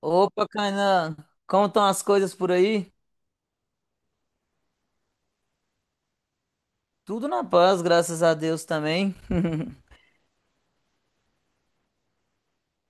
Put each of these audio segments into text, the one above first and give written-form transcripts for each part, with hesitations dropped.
Opa, Kainan, como estão as coisas por aí? Tudo na paz, graças a Deus também.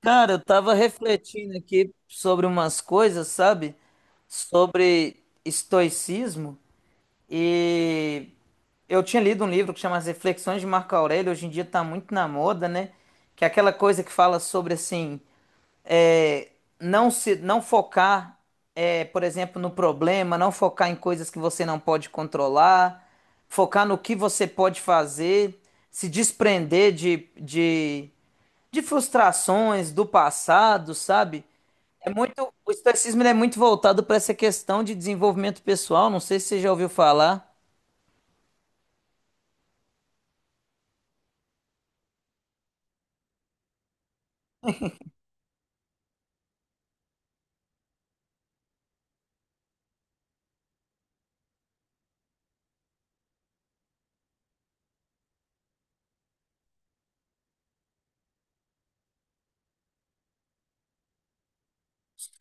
Cara, eu tava refletindo aqui sobre umas coisas, sabe? Sobre estoicismo e eu tinha lido um livro que chama As Reflexões de Marco Aurélio, hoje em dia tá muito na moda, né? Que é aquela coisa que fala sobre assim, é, não se não focar, por exemplo, no problema, não focar em coisas que você não pode controlar, focar no que você pode fazer, se desprender de frustrações do passado, sabe? O estoicismo ele é muito voltado para essa questão de desenvolvimento pessoal, não sei se você já ouviu falar.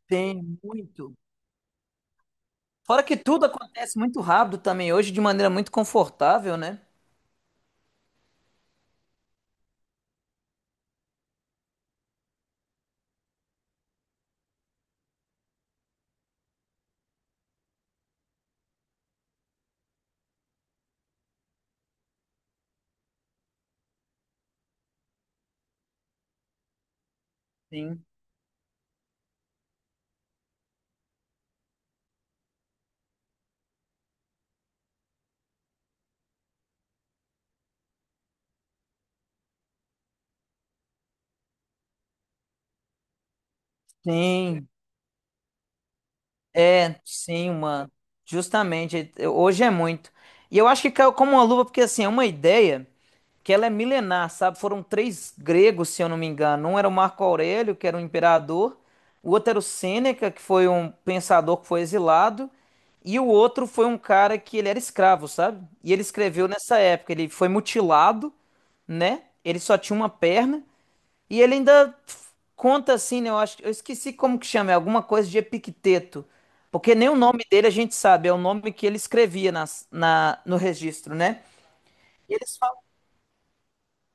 Tem muito. Fora que tudo acontece muito rápido também hoje, de maneira muito confortável, né? Sim. Sim. É, sim, uma. Justamente, hoje é muito. E eu acho que caiu como uma luva, porque assim, é uma ideia que ela é milenar, sabe? Foram três gregos, se eu não me engano. Um era o Marco Aurélio, que era um imperador, o outro era o Sêneca, que foi um pensador que foi exilado, e o outro foi um cara que ele era escravo, sabe? E ele escreveu nessa época, ele foi mutilado, né? Ele só tinha uma perna. E ele ainda conta assim, né? Eu acho, eu esqueci como que chama, é alguma coisa de Epicteto. Porque nem o nome dele a gente sabe, é o nome que ele escrevia nas, na, no registro, né? E eles falam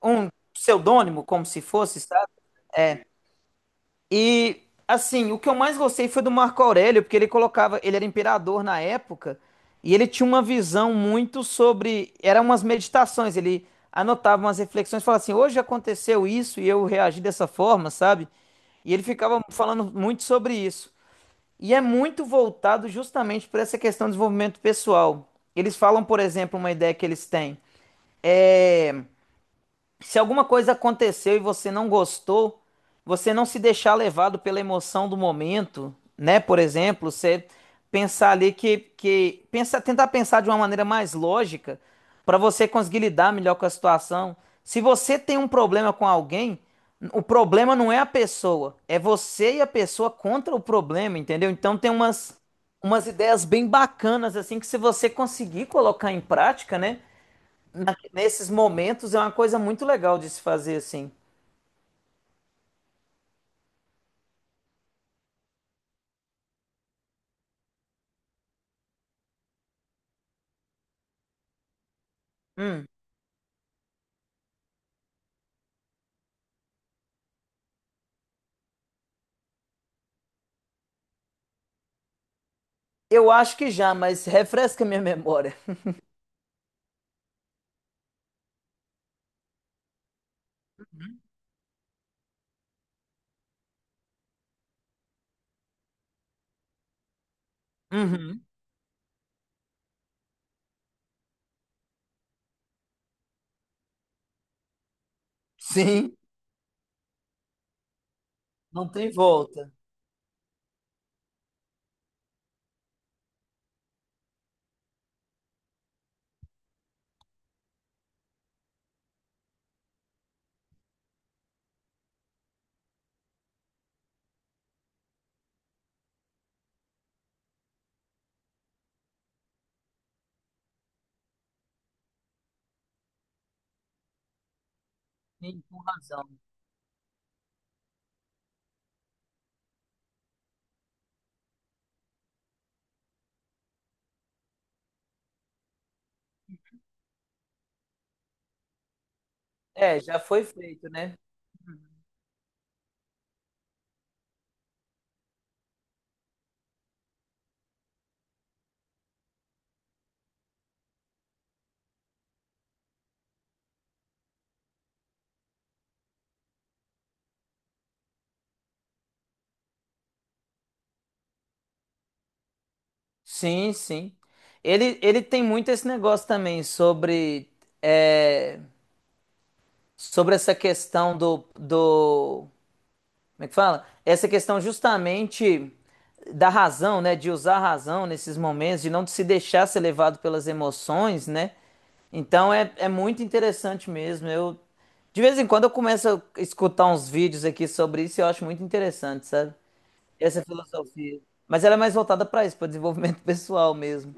um pseudônimo, como se fosse, sabe? E assim, o que eu mais gostei foi do Marco Aurélio, porque ele colocava, ele era imperador na época, e ele tinha uma visão muito sobre, eram umas meditações, ele anotava umas reflexões, falava assim: "Hoje aconteceu isso e eu reagi dessa forma", sabe? E ele ficava falando muito sobre isso. E é muito voltado justamente para essa questão do desenvolvimento pessoal. Eles falam, por exemplo, uma ideia que eles têm. é, se alguma coisa aconteceu e você não gostou, você não se deixar levado pela emoção do momento, né? Por exemplo, você pensar ali que pensa, tentar pensar de uma maneira mais lógica para você conseguir lidar melhor com a situação. Se você tem um problema com alguém, o problema não é a pessoa, é você e a pessoa contra o problema, entendeu? Então tem umas ideias bem bacanas assim que se você conseguir colocar em prática, né? Nesses momentos é uma coisa muito legal de se fazer assim. Eu acho que já, mas refresca minha memória. Uhum. Sim, não tem volta. Sim, com razão. É, já foi feito, né? Sim, sim. Ele tem muito esse negócio também sobre, é, sobre essa questão do, do Como é que fala? Essa questão justamente da razão, né? De usar a razão nesses momentos, de não se deixar ser levado pelas emoções, né? Então é muito interessante mesmo. De vez em quando eu começo a escutar uns vídeos aqui sobre isso e eu acho muito interessante, sabe? Essa filosofia. Mas ela é mais voltada para isso, para desenvolvimento pessoal mesmo.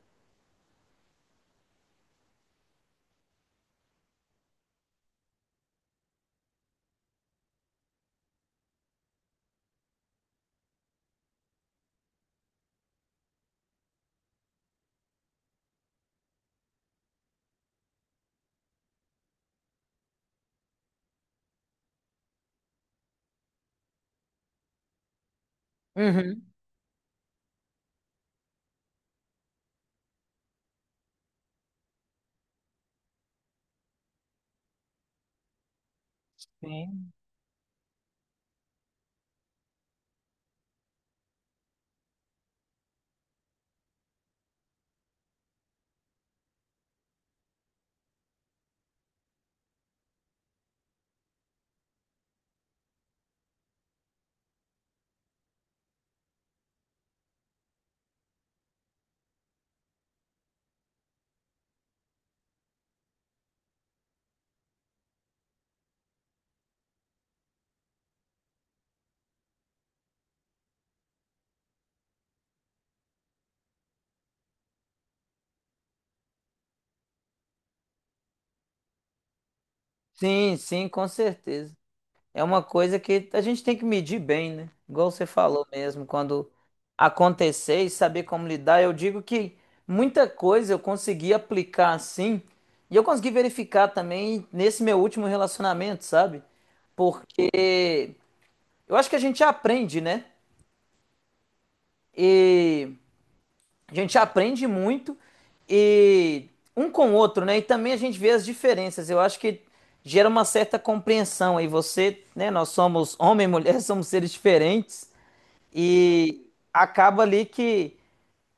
Uhum. Sim. Sim, sim, com certeza. É uma coisa que a gente tem que medir bem, né? Igual você falou mesmo, quando acontecer e saber como lidar, eu digo que muita coisa eu consegui aplicar assim, e eu consegui verificar também nesse meu último relacionamento, sabe? Porque eu acho que a gente aprende, né? E a gente aprende muito e um com o outro, né? E também a gente vê as diferenças. Eu acho que gera uma certa compreensão aí. Você, né? Nós somos homem e mulher, somos seres diferentes e acaba ali que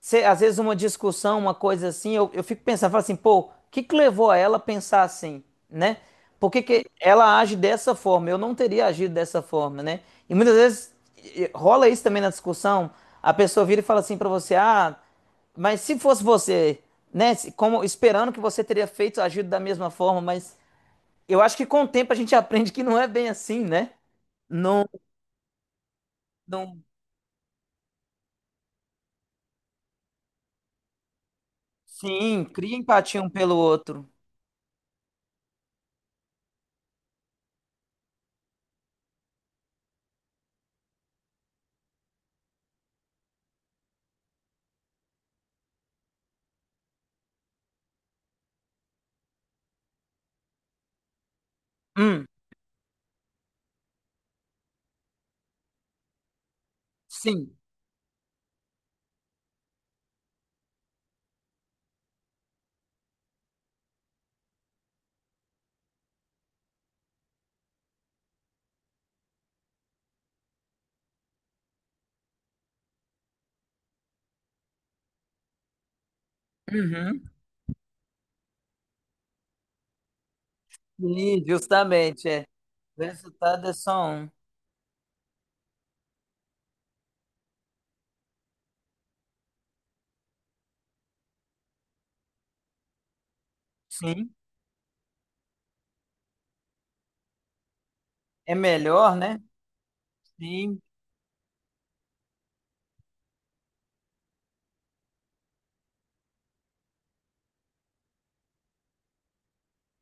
às vezes uma discussão, uma coisa assim, eu fico pensando, falo assim, pô, o que que levou a ela a pensar assim, né? Por que que ela age dessa forma? Eu não teria agido dessa forma, né? E muitas vezes rola isso também na discussão. A pessoa vira e fala assim pra você, ah, mas se fosse você, né, como esperando que você teria feito, agido da mesma forma, mas eu acho que com o tempo a gente aprende que não é bem assim, né? Não, não. Sim, cria empatia um pelo outro. Hum, sim. Uhum. Sim, justamente, é. O resultado é só um. Sim, é melhor, né? Sim.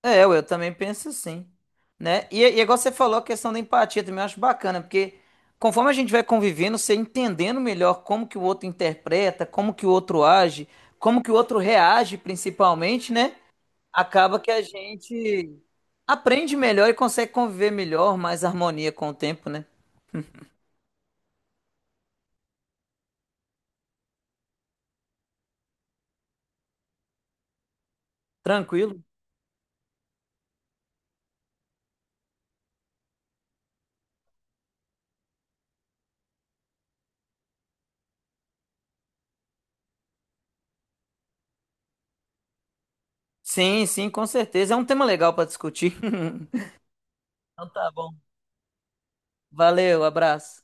É, eu também penso assim, né? E igual você falou, a questão da empatia também eu acho bacana, porque conforme a gente vai convivendo, você entendendo melhor como que o outro interpreta, como que o outro age, como que o outro reage principalmente, né? Acaba que a gente aprende melhor e consegue conviver melhor, mais harmonia com o tempo, né? Tranquilo? Sim, sim, com certeza. É um tema legal para discutir. Então tá bom. Valeu, abraço.